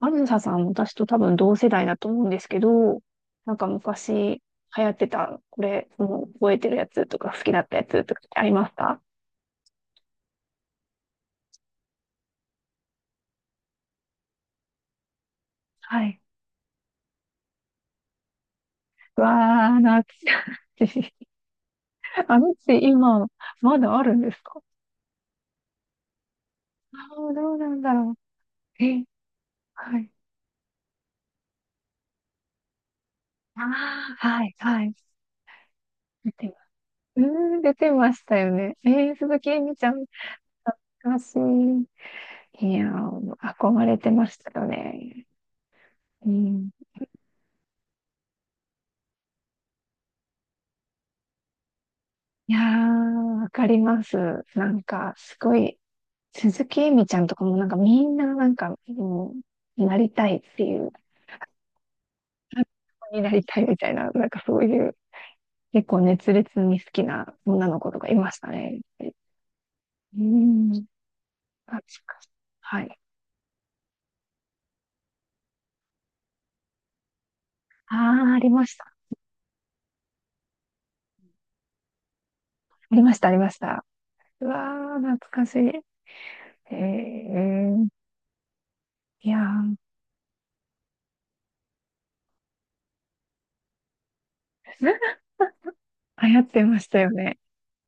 あずささん、私と多分同世代だと思うんですけど、なんか昔流行ってた、これ、もう覚えてるやつとか好きだったやつとかありますか？はい。うわー、懐かしい。あのって今、まだあるんですか？ああー、どうなんだろう。え、はい。ああ、はい、はい。出てます。うーん、出てましたよね。えー、鈴木えみちゃん、懐かしい。いやー、憧れてましたよね。うん、いやー、わかります。なんか、すごい、鈴木えみちゃんとかもなんかみんななんか、もう、なりたいっていう、になりたいみたいな、なんかそういう、結構熱烈に好きな女の子とかいましたね。うん、確かしい、はい。ああ、ありました。ありました、ありました。うわー、懐かしい。えー、いやー、流行ってましたよね。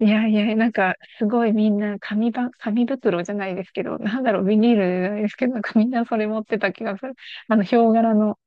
いやいや、なんか、すごいみんな紙ば、紙袋じゃないですけど、なんだろう、ビニールじゃないですけど、なんかみんなそれ持ってた気がする。あの、ヒョウ柄の、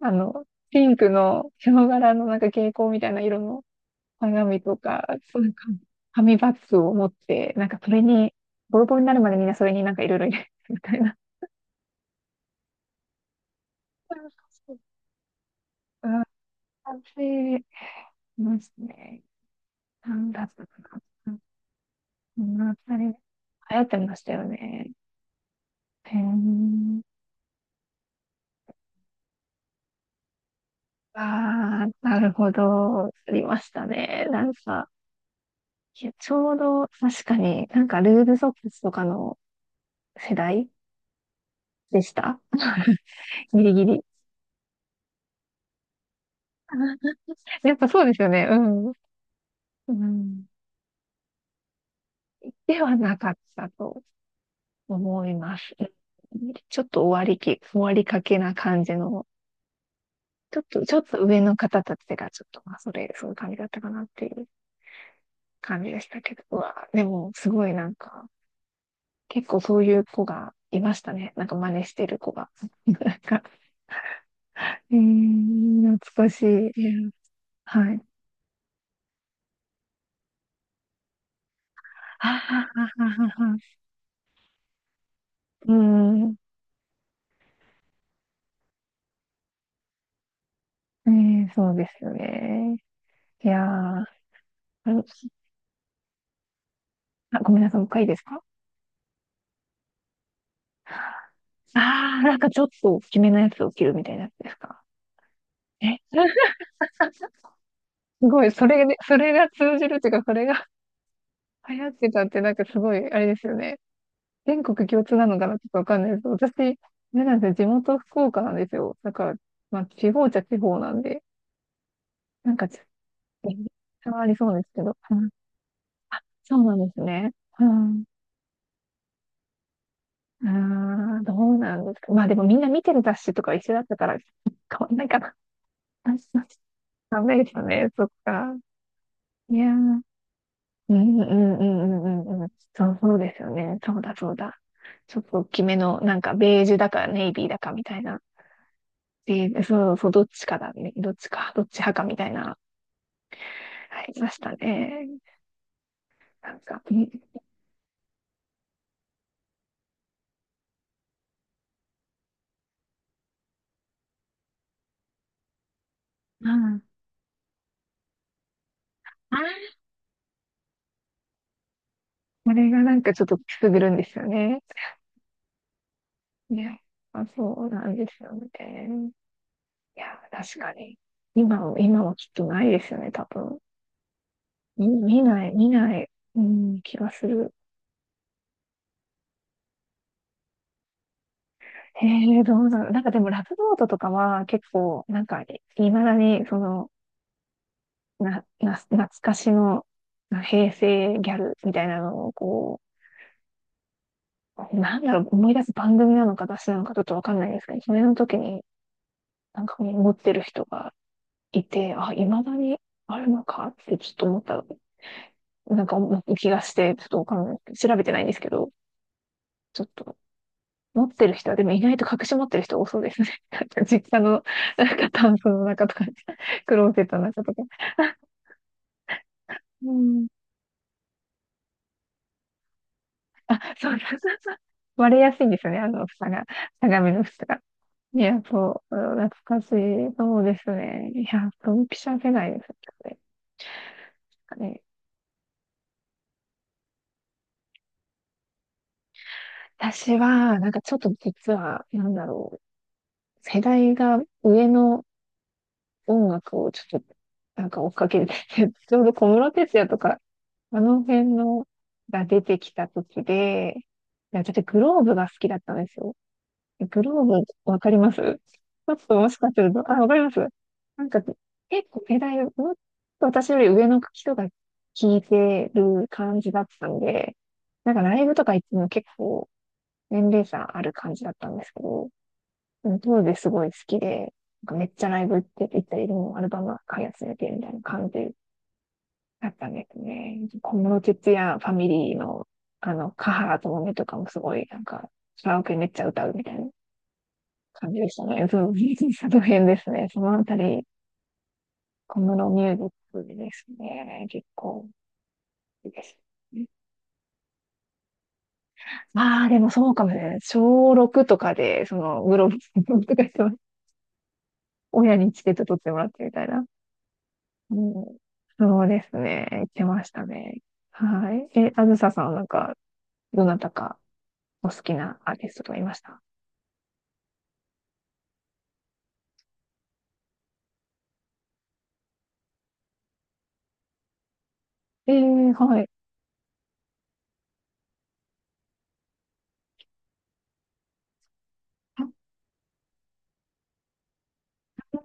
あの、ピンクのヒョウ柄のなんか蛍光みたいな色の鏡とか、そういうか紙バッグを持って、なんかそれに、ボロボロになるまでみんなそれになんかいろいろ入れてみたいな。そうん、完成しますね。なんだったかな。うん、あれ、流行ってましたよね。へえ。ああ、なるほど。ありましたね。なんか、いやちょうど確かになんかルーズソックスとかの世代でした。ギリギリ。あ、やっぱそうですよね。うん。うん。ではなかったと思います。ちょっと終わりき、終わりかけな感じの、ちょっと、ちょっと上の方たちがちょっと、まあ、それ、そういう感じだったかなっていう感じでしたけど、うわ、でも、すごいなんか、結構そういう子がいましたね。なんか真似してる子が。なんか、えー、懐かしい。はい。はははははは。うん。えー、そうですよね。いやー、う、あ、ごめんなさい、もう一回いいですか？あー、なんかちょっと大きめのやつを着るみたいなやつですか？え、すごい、それで、それが通じるっていうか、それが 流行ってたって、なんかすごい、あれですよね。全国共通なのかなちょっとわかんないです。私、あれなんですよ。地元福岡なんですよ。だから、まあ、地方っちゃ地方なんで、なんかちょっと、差はありそうですけど。うん、そうなんですね。うん。ああ、どうなんですか。まあでもみんな見てる雑誌とか一緒だったから、変わんないかな。ダメですよね。そっか。いやー。うんうんうんうんうんうん。そう、そうですよね。そうだそうだ。ちょっと大きめの、なんかベージュだかネイビーだかみたいな。えーそうそう、どっちかだね。どっちか、どっち派かみたいな、ありましたね。なんか、うん、ああ、これがなんかちょっとくすぐるんですよね。ね。まあ、そうなんですよね。いや、確かに。今も、今もきっとないですよね、多分。み見ない、見ない、うん、気がする。え、えどうなの、なんかでも、ラブノートとかは結構、なんかね、いまだに、その、な、な、懐かしの、な平成ギャルみたいなのを、こう、なんだろう、思い出す番組なのか私なのかちょっとわかんないですけど、それの時になんか持ってる人がいて、あ、未だにあるのかってちょっと思った、なんか思う気がして、ちょっとわかんない。調べてないんですけど、ちょっと持ってる人は、でも意外と隠し持ってる人多そうですね。なんか実家の、なんかタンスの中とか、クローゼットの中とか。うん。あ、そうそうそうそう。割れやすいんですよね、あの、蓋が。鏡の蓋が。いや、そう、懐かしい。そうですね。いや、ドンピシャ世代ですよね。ね、私は、なんかちょっと実は、なんだろう、世代が上の音楽をちょっと、なんか追っかけてて、ちょうど小室哲哉とか、あの辺のが出てきた時で、いや、私グローブが好きだったんですよ。グローブ、わかりますちょっともしかすると、あ、わかります？なんか、結構世代、もっと私より上の人が聞いてる感じだったんで、なんかライブとか行っても結構年齢差ある感じだったんですけど、でも当時すごい好きで、なんかめっちゃライブ行って行ったり、もうアルバム買い集めてみたいな感じだったんですね。小室哲哉ファミリーの、あの、カハラともめとかもすごい、なんか、カラオケめっちゃ歌うみたいな。感じでしたね。そう、技の辺ですね。そのあたり、小室ミュージックですね。結構いいです。まあ、でもそうかもね。小6とかで、その、グローブとかしてます、親にチケット取ってもらってみたいな。うん、そうですね。行ってましたね。はい。え、あずささんはなんか、どなたかお好きなアーティストとかいました？ええー、はい。ああ、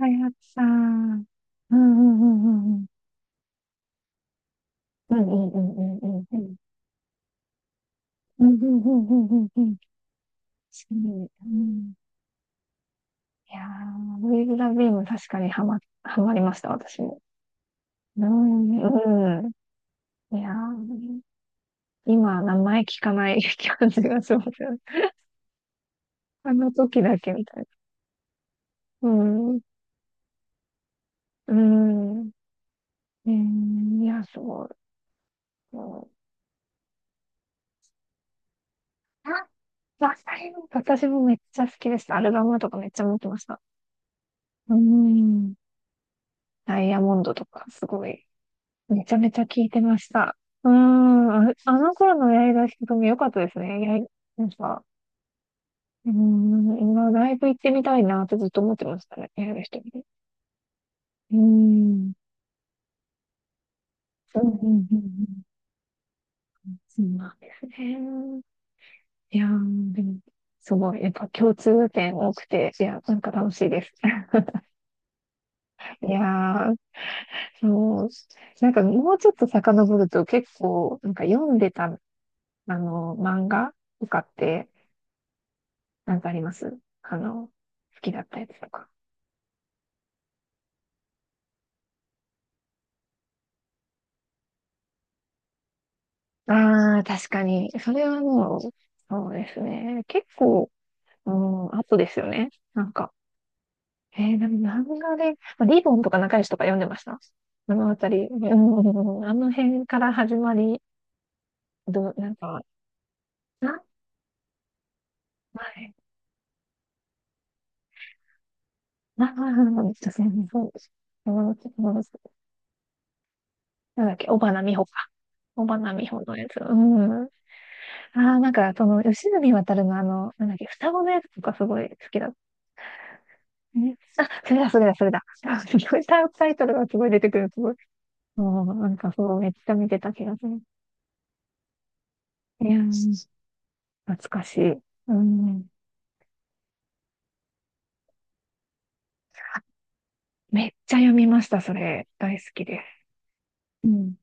はやつさん。うんうんうんうんうん。うんうんうんうんうん。うんうんうんうんうんうん。確かにうん。いやー、ウィル・ラビーム確かにハマ、ハマりました、私も。うん、うん。いやー、今、名前聞かない 感じがしますよね。あの時だけみたいな。うん、うん。えー、いや、そう。そうあ、わかります。私もめっちゃ好きでした。アルバムとかめっちゃ持ってました。うん。ダイヤモンドとか、すごい。めちゃめちゃ聞いてました。うーん、あ、あの頃の八重樫ひとみ良かったですね。やい、なんか、うーん、今ライブ行ってみたいなってずっと思ってましたね。八重樫ひとみ。うーん、うん、うん、うん、うん。うん、そうなんですね。いやー、でも、すごい、やっぱ共通点多くて、いや、なんか楽しいです。いやー、そう、なんかもうちょっと遡ると結構、なんか読んでた、あの、漫画とかって、なんかあります？あの、好きだったやつとか。ああ、確かに。それはもう、そうですね。結構、うん、あとですよね。なんか、えー、な漫画で、まあリボンとか仲良しとか読んでました。あのあたりうん、あの辺から始まり、どう、なんか、な、前、な、な、な、な、そうです。友達友達なんだっけ、尾花美穂か。尾花美穂のやつ。うん。ああ、なんか、その、吉住渉のあの、なんだっけ、双子のやつとかすごい好きだっ、ねあ、それだ、それだ、それだ。あすごいタイタイトルがすごい出てくる。すごい。もう、なんかそう、めっちゃ見てた気がする。いやー、懐かしい。うん。めっちゃ読みました、それ。大好きです。うん。